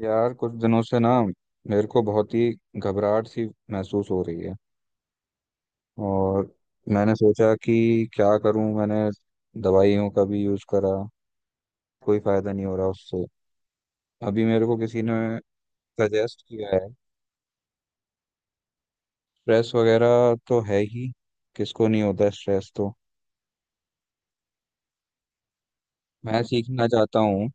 यार कुछ दिनों से ना मेरे को बहुत ही घबराहट सी महसूस हो रही है। और मैंने सोचा कि क्या करूं। मैंने दवाइयों का भी यूज़ करा, कोई फ़ायदा नहीं हो रहा उससे। अभी मेरे को किसी ने सजेस्ट किया है। स्ट्रेस वगैरह तो है ही, किसको नहीं होता है स्ट्रेस, तो मैं सीखना चाहता हूँ।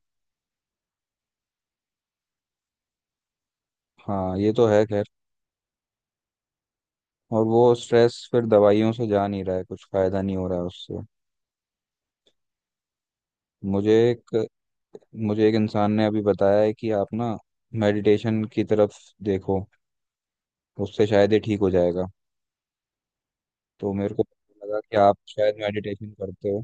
हाँ ये तो है खैर, और वो स्ट्रेस फिर दवाइयों से जा नहीं रहा है, कुछ फ़ायदा नहीं हो रहा है उससे। मुझे एक मुझे एक इंसान ने अभी बताया है कि आप ना मेडिटेशन की तरफ देखो, उससे शायद ये ठीक हो जाएगा। तो मेरे को लगा कि आप शायद मेडिटेशन करते हो।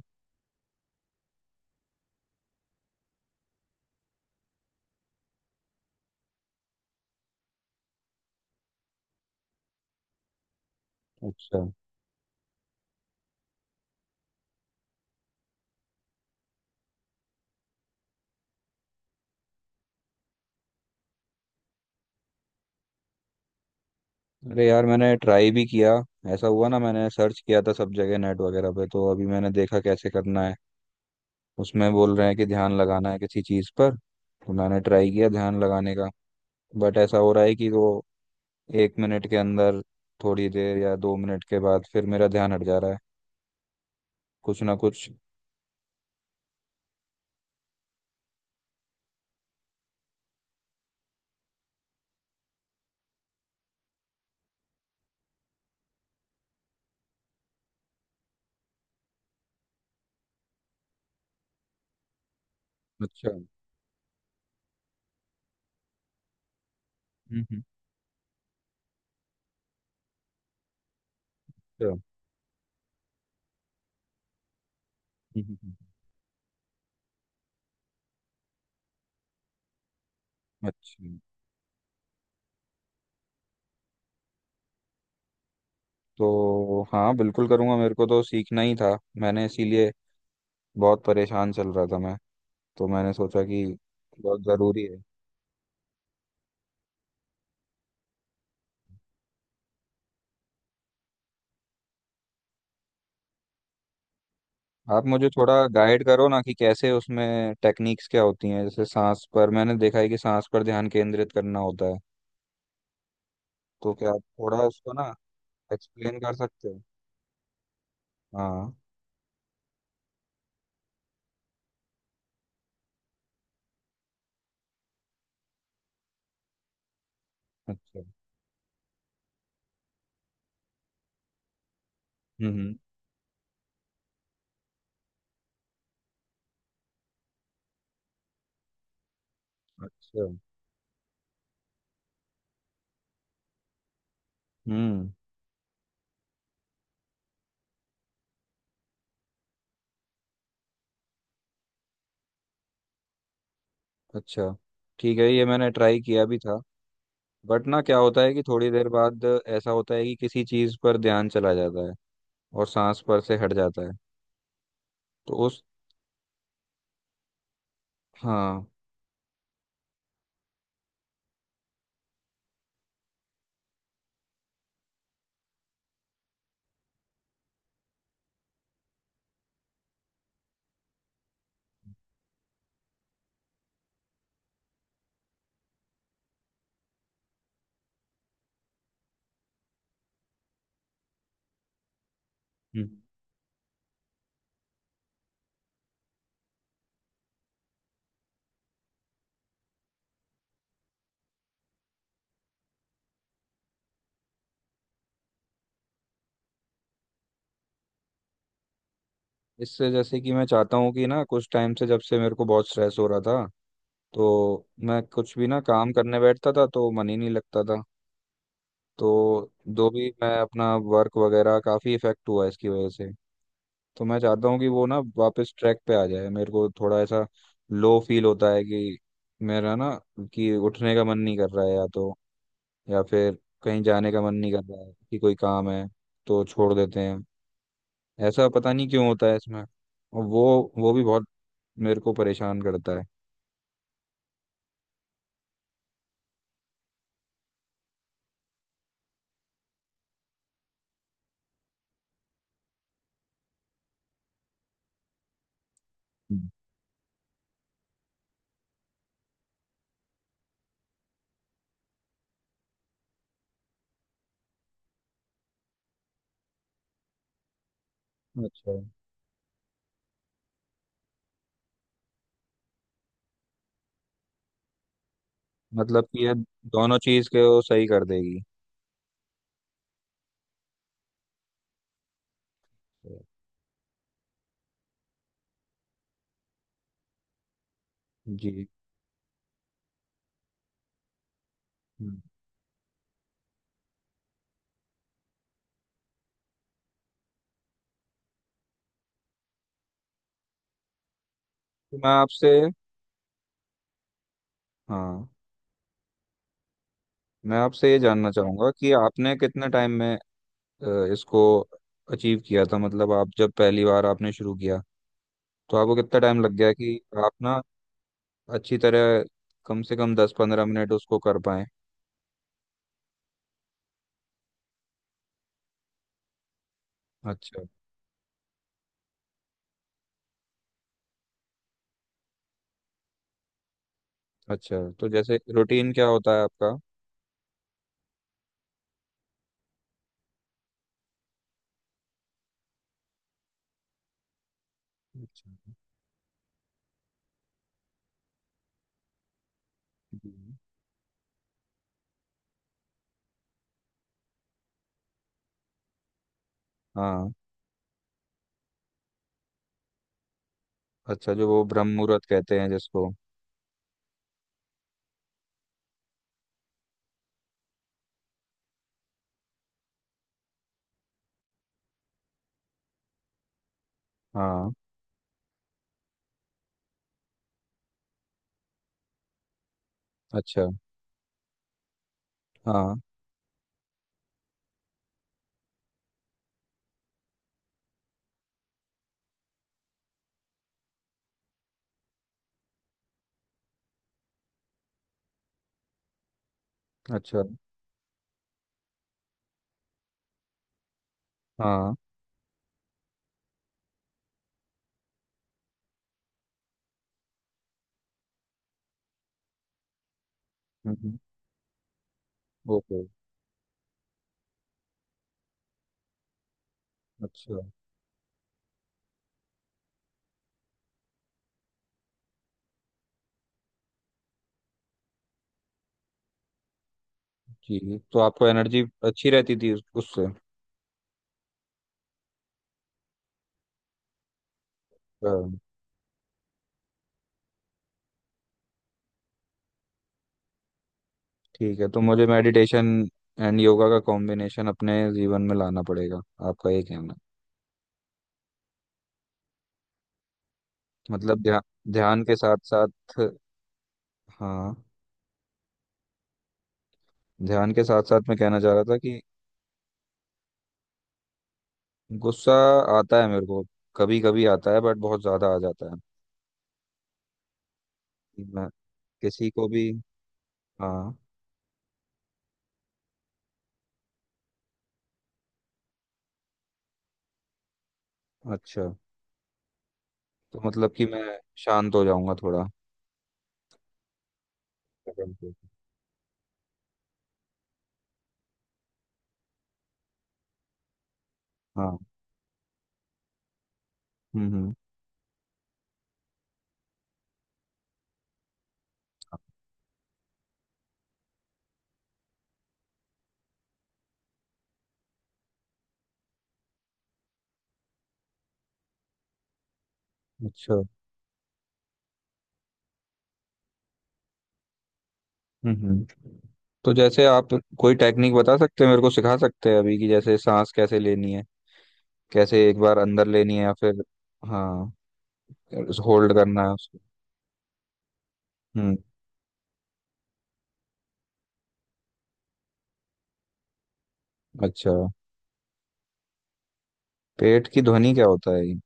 अच्छा, अरे यार मैंने ट्राई भी किया। ऐसा हुआ ना, मैंने सर्च किया था सब जगह नेट वगैरह पे, तो अभी मैंने देखा कैसे करना है। उसमें बोल रहे हैं कि ध्यान लगाना है किसी चीज़ पर, तो मैंने ट्राई किया ध्यान लगाने का। बट ऐसा हो रहा है कि वो 1 मिनट के अंदर, थोड़ी देर या 2 मिनट के बाद फिर मेरा ध्यान हट जा रहा है कुछ ना कुछ। अच्छा। हम्म। हम्म। अच्छा। हम्म, हम्म, हम्म। अच्छा। तो हाँ बिल्कुल करूँगा, मेरे को तो सीखना ही था, मैंने इसीलिए बहुत परेशान चल रहा था, मैं तो मैंने सोचा कि बहुत ज़रूरी है। आप मुझे थोड़ा गाइड करो ना कि कैसे उसमें टेक्निक्स क्या होती हैं, जैसे सांस पर मैंने देखा है कि सांस पर ध्यान केंद्रित करना होता है, तो क्या आप थोड़ा उसको ना एक्सप्लेन कर सकते हो। हाँ। अच्छा। हम्म। अच्छा। हम्म। अच्छा ठीक है, ये मैंने ट्राई किया भी था। बट ना क्या होता है कि थोड़ी देर बाद ऐसा होता है कि किसी चीज पर ध्यान चला जाता है और सांस पर से हट जाता है, तो उस। हाँ। हम्म। इससे जैसे कि मैं चाहता हूँ कि ना, कुछ टाइम से जब से मेरे को बहुत स्ट्रेस हो रहा था, तो मैं कुछ भी ना काम करने बैठता था तो मन ही नहीं लगता था। तो जो भी मैं अपना वर्क वगैरह, काफी इफेक्ट हुआ इसकी वजह से। तो मैं चाहता हूँ कि वो ना वापस ट्रैक पे आ जाए। मेरे को थोड़ा ऐसा लो फील होता है कि मेरा ना, कि उठने का मन नहीं कर रहा है या तो, या फिर कहीं जाने का मन नहीं कर रहा है, कि कोई काम है तो छोड़ देते हैं। ऐसा पता नहीं क्यों होता है इसमें, और वो भी बहुत मेरे को परेशान करता है। हम्म। अच्छा, मतलब कि ये दोनों चीज़ के वो सही कर देगी। जी। हम्म। तो मैं आपसे, हाँ, मैं आपसे ये जानना चाहूंगा कि आपने कितने टाइम में इसको अचीव किया था, मतलब आप जब पहली बार आपने शुरू किया तो आपको कितना टाइम लग गया कि आप ना अच्छी तरह कम से कम 10-15 मिनट उसको कर पाए। अच्छा। अच्छा तो जैसे रूटीन क्या होता है आपका। अच्छा। हम्म। हाँ, अच्छा जो वो ब्रह्म मुहूर्त कहते हैं जिसको। हाँ। अच्छा। हाँ। अच्छा। हाँ। हम्म, ओके। अच्छा, जी तो आपको एनर्जी अच्छी रहती थी उससे। हाँ, ठीक है तो मुझे मेडिटेशन एंड योगा का कॉम्बिनेशन अपने जीवन में लाना पड़ेगा, आपका ये कहना। मतलब ध्यान ध्यान के साथ साथ, हाँ, ध्यान के साथ साथ मैं कहना चाह रहा था कि गुस्सा आता है मेरे को, कभी कभी आता है बट बहुत ज्यादा आ जाता है। मैं किसी को भी, हाँ। अच्छा, तो मतलब कि मैं शांत हो जाऊंगा थोड़ा। हाँ। हम्म। अच्छा। हम्म। तो जैसे आप कोई टेक्निक बता सकते हैं, मेरे को सिखा सकते हैं अभी, कि जैसे सांस कैसे लेनी है, कैसे एक बार अंदर लेनी है या फिर, हाँ, होल्ड करना है उसको। हम्म। अच्छा, पेट की ध्वनि क्या होता है ये।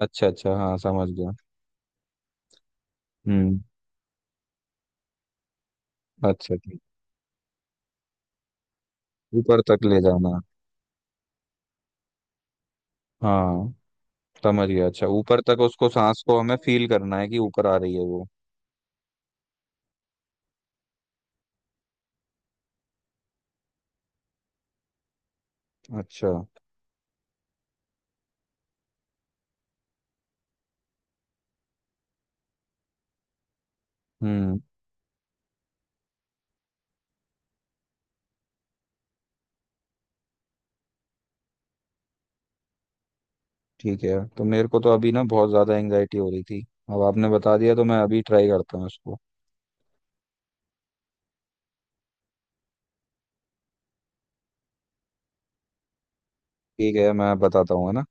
अच्छा अच्छा, हाँ समझ गया। हम्म। अच्छा ठीक। ऊपर तक ले जाना, हाँ, समझ गया। अच्छा, ऊपर तक उसको सांस को हमें फील करना है कि ऊपर आ रही है वो। अच्छा। हम्म। ठीक है, तो मेरे को तो अभी ना बहुत ज्यादा एंजाइटी हो रही थी, अब आपने बता दिया तो मैं अभी ट्राई करता हूँ उसको। ठीक है, मैं बताता हूँ है ना।